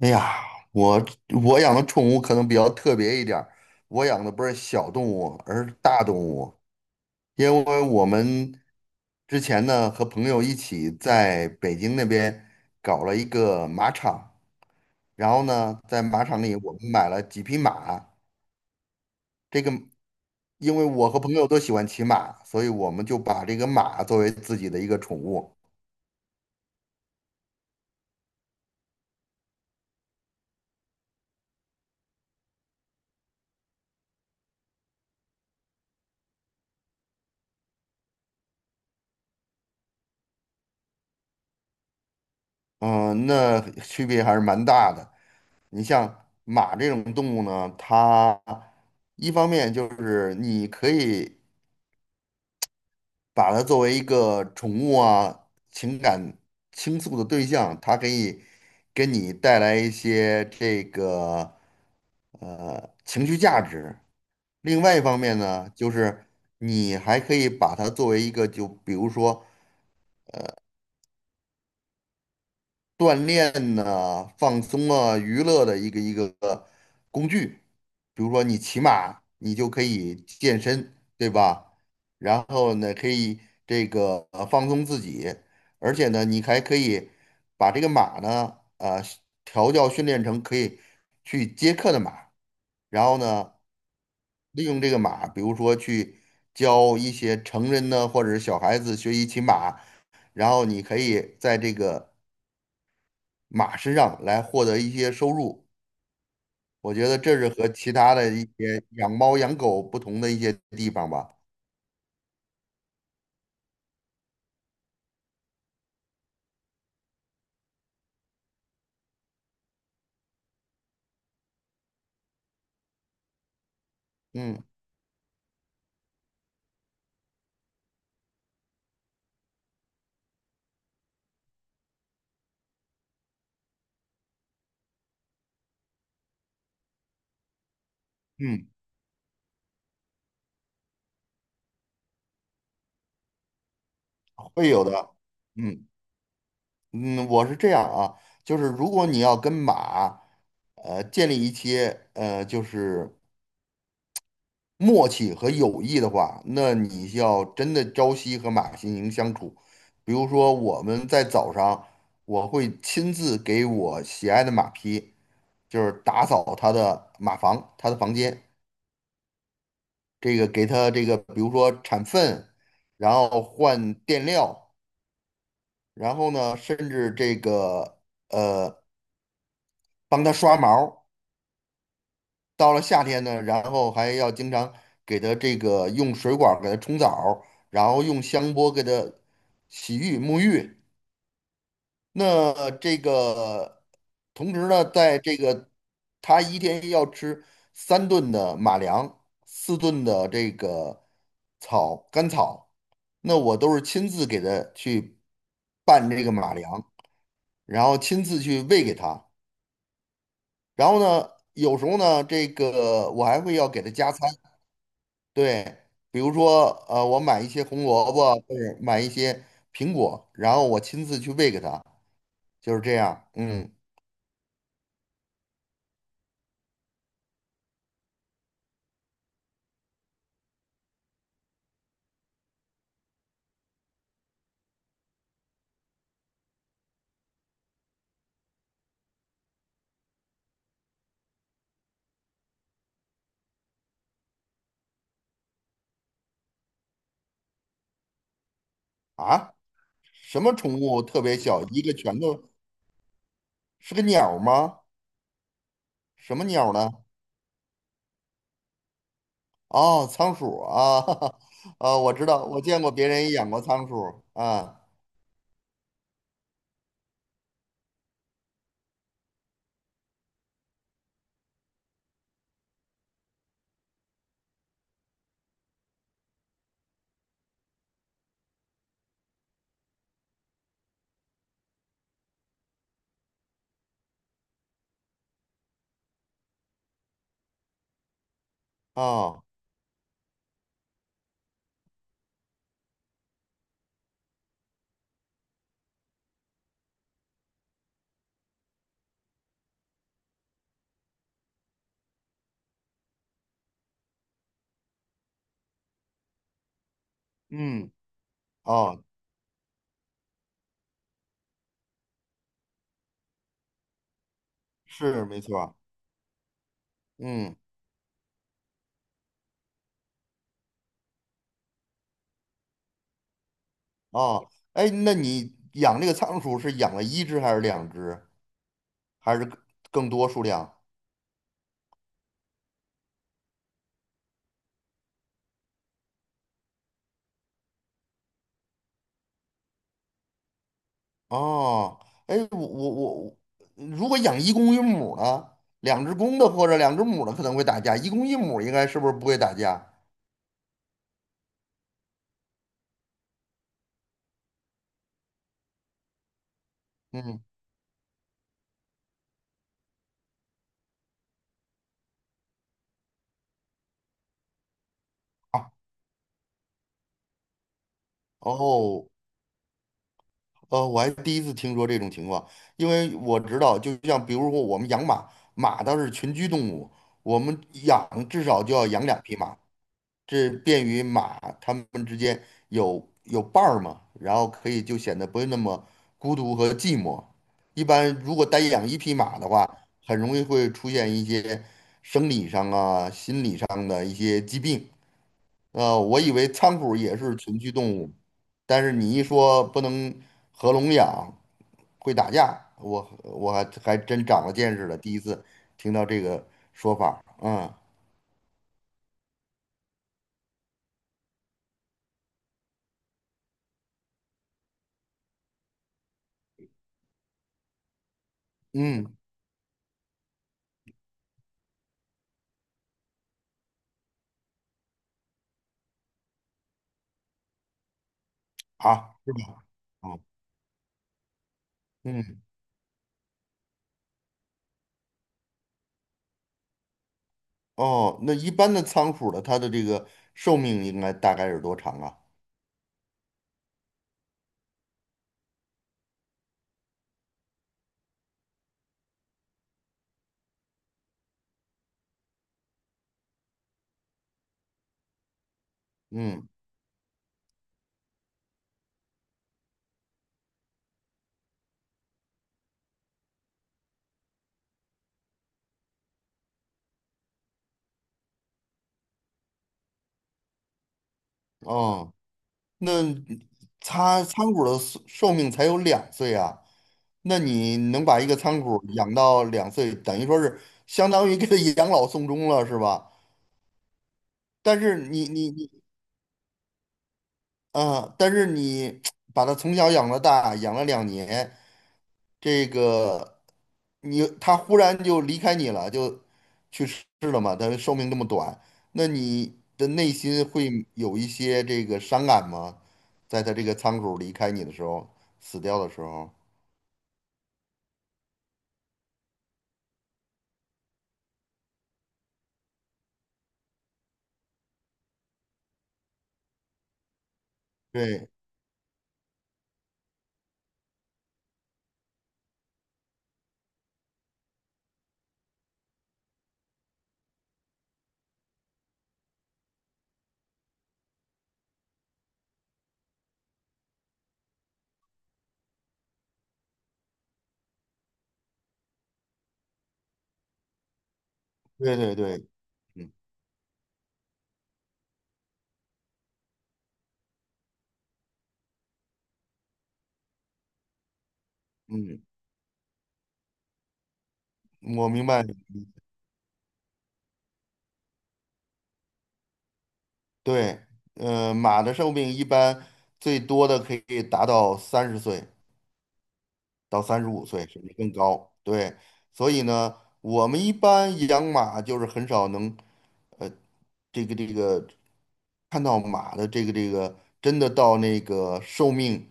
哎呀，我我养的宠物可能比较特别一点儿，我养的不是小动物，而是大动物。因为我们之前呢和朋友一起在北京那边搞了一个马场，然后呢在马场里我们买了几匹马。这个因为我和朋友都喜欢骑马，所以我们就把这个马作为自己的一个宠物。嗯，那区别还是蛮大的。你像马这种动物呢，它一方面就是你可以把它作为一个宠物啊，情感倾诉的对象，它可以给你带来一些情绪价值。另外一方面呢，就是你还可以把它作为一个，就比如说，锻炼呢，放松啊、娱乐的一个工具。比如说你骑马，你就可以健身，对吧？然后呢，可以放松自己，而且呢，你还可以把这个马呢，调教训练成可以去接客的马，然后呢，利用这个马，比如说去教一些成人呢，或者是小孩子学习骑马，然后你可以在这个。马身上来获得一些收入。我觉得这是和其他的一些养猫养狗不同的一些地方吧。嗯嗯，会有的。嗯嗯，我是这样啊，就是如果你要跟马，建立一些就是默契和友谊的话，那你要真的朝夕和马心营相处。比如说，我们在早上，我会亲自给我喜爱的马匹，就是打扫它的马房、它的房间，给它比如说铲粪，然后换垫料，然后呢，甚至呃，帮它刷毛。到了夏天呢，然后还要经常给它这个用水管儿给它冲澡儿，然后用香波给它洗浴沐浴。那这个同时呢，在它一天要吃三顿的马粮，四顿的这个草干草，那我都是亲自给它去拌这个马粮，然后亲自去喂给它。然后呢，有时候呢，这个我还会要给它加餐。对，比如说，我买一些红萝卜，或者买一些苹果，然后我亲自去喂给它，就是这样。嗯，啊，什么宠物特别小？一个拳头是个鸟儿吗？什么鸟儿呢？哦，仓鼠啊，啊，我知道，我见过别人也养过仓鼠啊。哦，嗯，哦，是没错儿。嗯，哦，哎，那你养这个仓鼠是养了一只还是两只，还是更多数量？哦，哎，我我我，如果养一公一母呢，两只公的或者两只母的可能会打架，一公一母应该是不是不会打架？嗯，啊，哦，我还第一次听说这种情况，因为我知道，就像比如说我们养马，马它是群居动物，我们养至少就要养两匹马，这便于马它们之间有伴儿嘛，然后可以就显得不会那么孤独和寂寞。一般如果单养一匹马的话，很容易会出现一些生理上啊、心理上的一些疾病。我以为仓鼠也是群居动物，但是你一说不能合笼养，会打架，我还真长了见识了，第一次听到这个说法儿。嗯嗯，好，是吧？嗯嗯。哦，那一般的仓鼠的，它的这个寿命应该大概是多长啊？嗯，哦，那它仓鼠的寿命才有两岁啊，那你能把一个仓鼠养到两岁，等于说是相当于给它养老送终了，是吧？但是你你你但是你把它从小养到大，养了2年，这个你它忽然就离开你了，就去世了嘛，它寿命这么短，那你的内心会有一些这个伤感吗？在它这个仓鼠离开你的时候，死掉的时候，对，对对对，嗯嗯，我明白，对，马的寿命一般最多的可以达到30岁。到35岁，甚至更高。对，所以呢，我们一般养马就是很少能，呃，这个这个看到马的真的到那个寿命，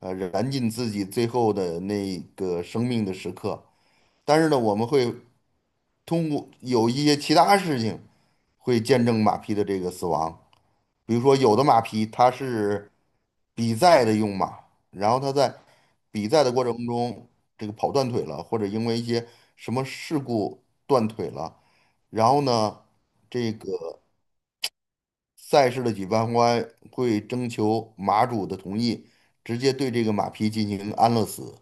燃尽自己最后的那个生命的时刻。但是呢，我们会通过有一些其他事情，会见证马匹的这个死亡。比如说有的马匹它是比赛的用马，然后它在比赛的过程中跑断腿了，或者因为一些什么事故断腿了，然后呢，这个赛事的举办方会征求马主的同意，直接对这个马匹进行安乐死。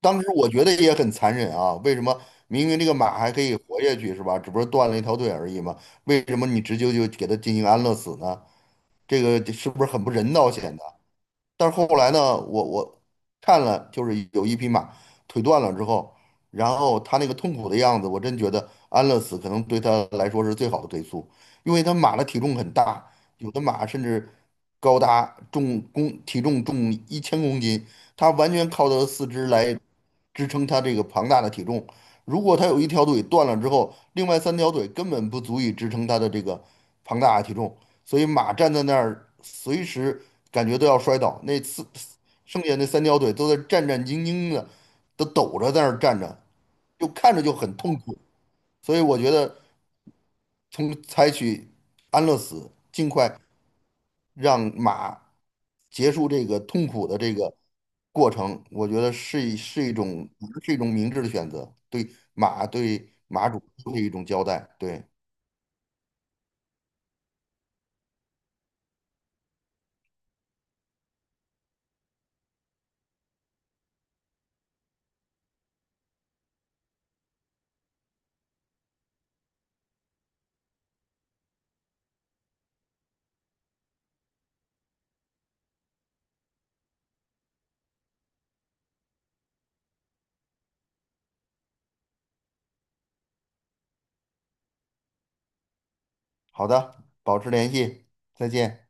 当时我觉得也很残忍啊，为什么明明这个马还可以活下去是吧？只不过断了一条腿而已嘛，为什么你直接就给他进行安乐死呢？这个是不是很不人道显得？但是后来呢，我看了，就是有一匹马腿断了之后，然后它那个痛苦的样子，我真觉得安乐死可能对它来说是最好的归宿，因为它马的体重很大，有的马甚至高达重公体重重1000公斤，它完全靠它的四肢来支撑它这个庞大的体重。如果它有一条腿断了之后，另外三条腿根本不足以支撑它的这个庞大的体重。所以马站在那儿，随时感觉都要摔倒。剩下那三条腿都在战战兢兢的，都抖着在那儿站着，就看着就很痛苦。所以我觉得，从采取安乐死，尽快让马结束这个痛苦的这个过程，我觉得是一是一种是一种明智的选择，对马对马主都是一种交代。对，好的，保持联系，再见。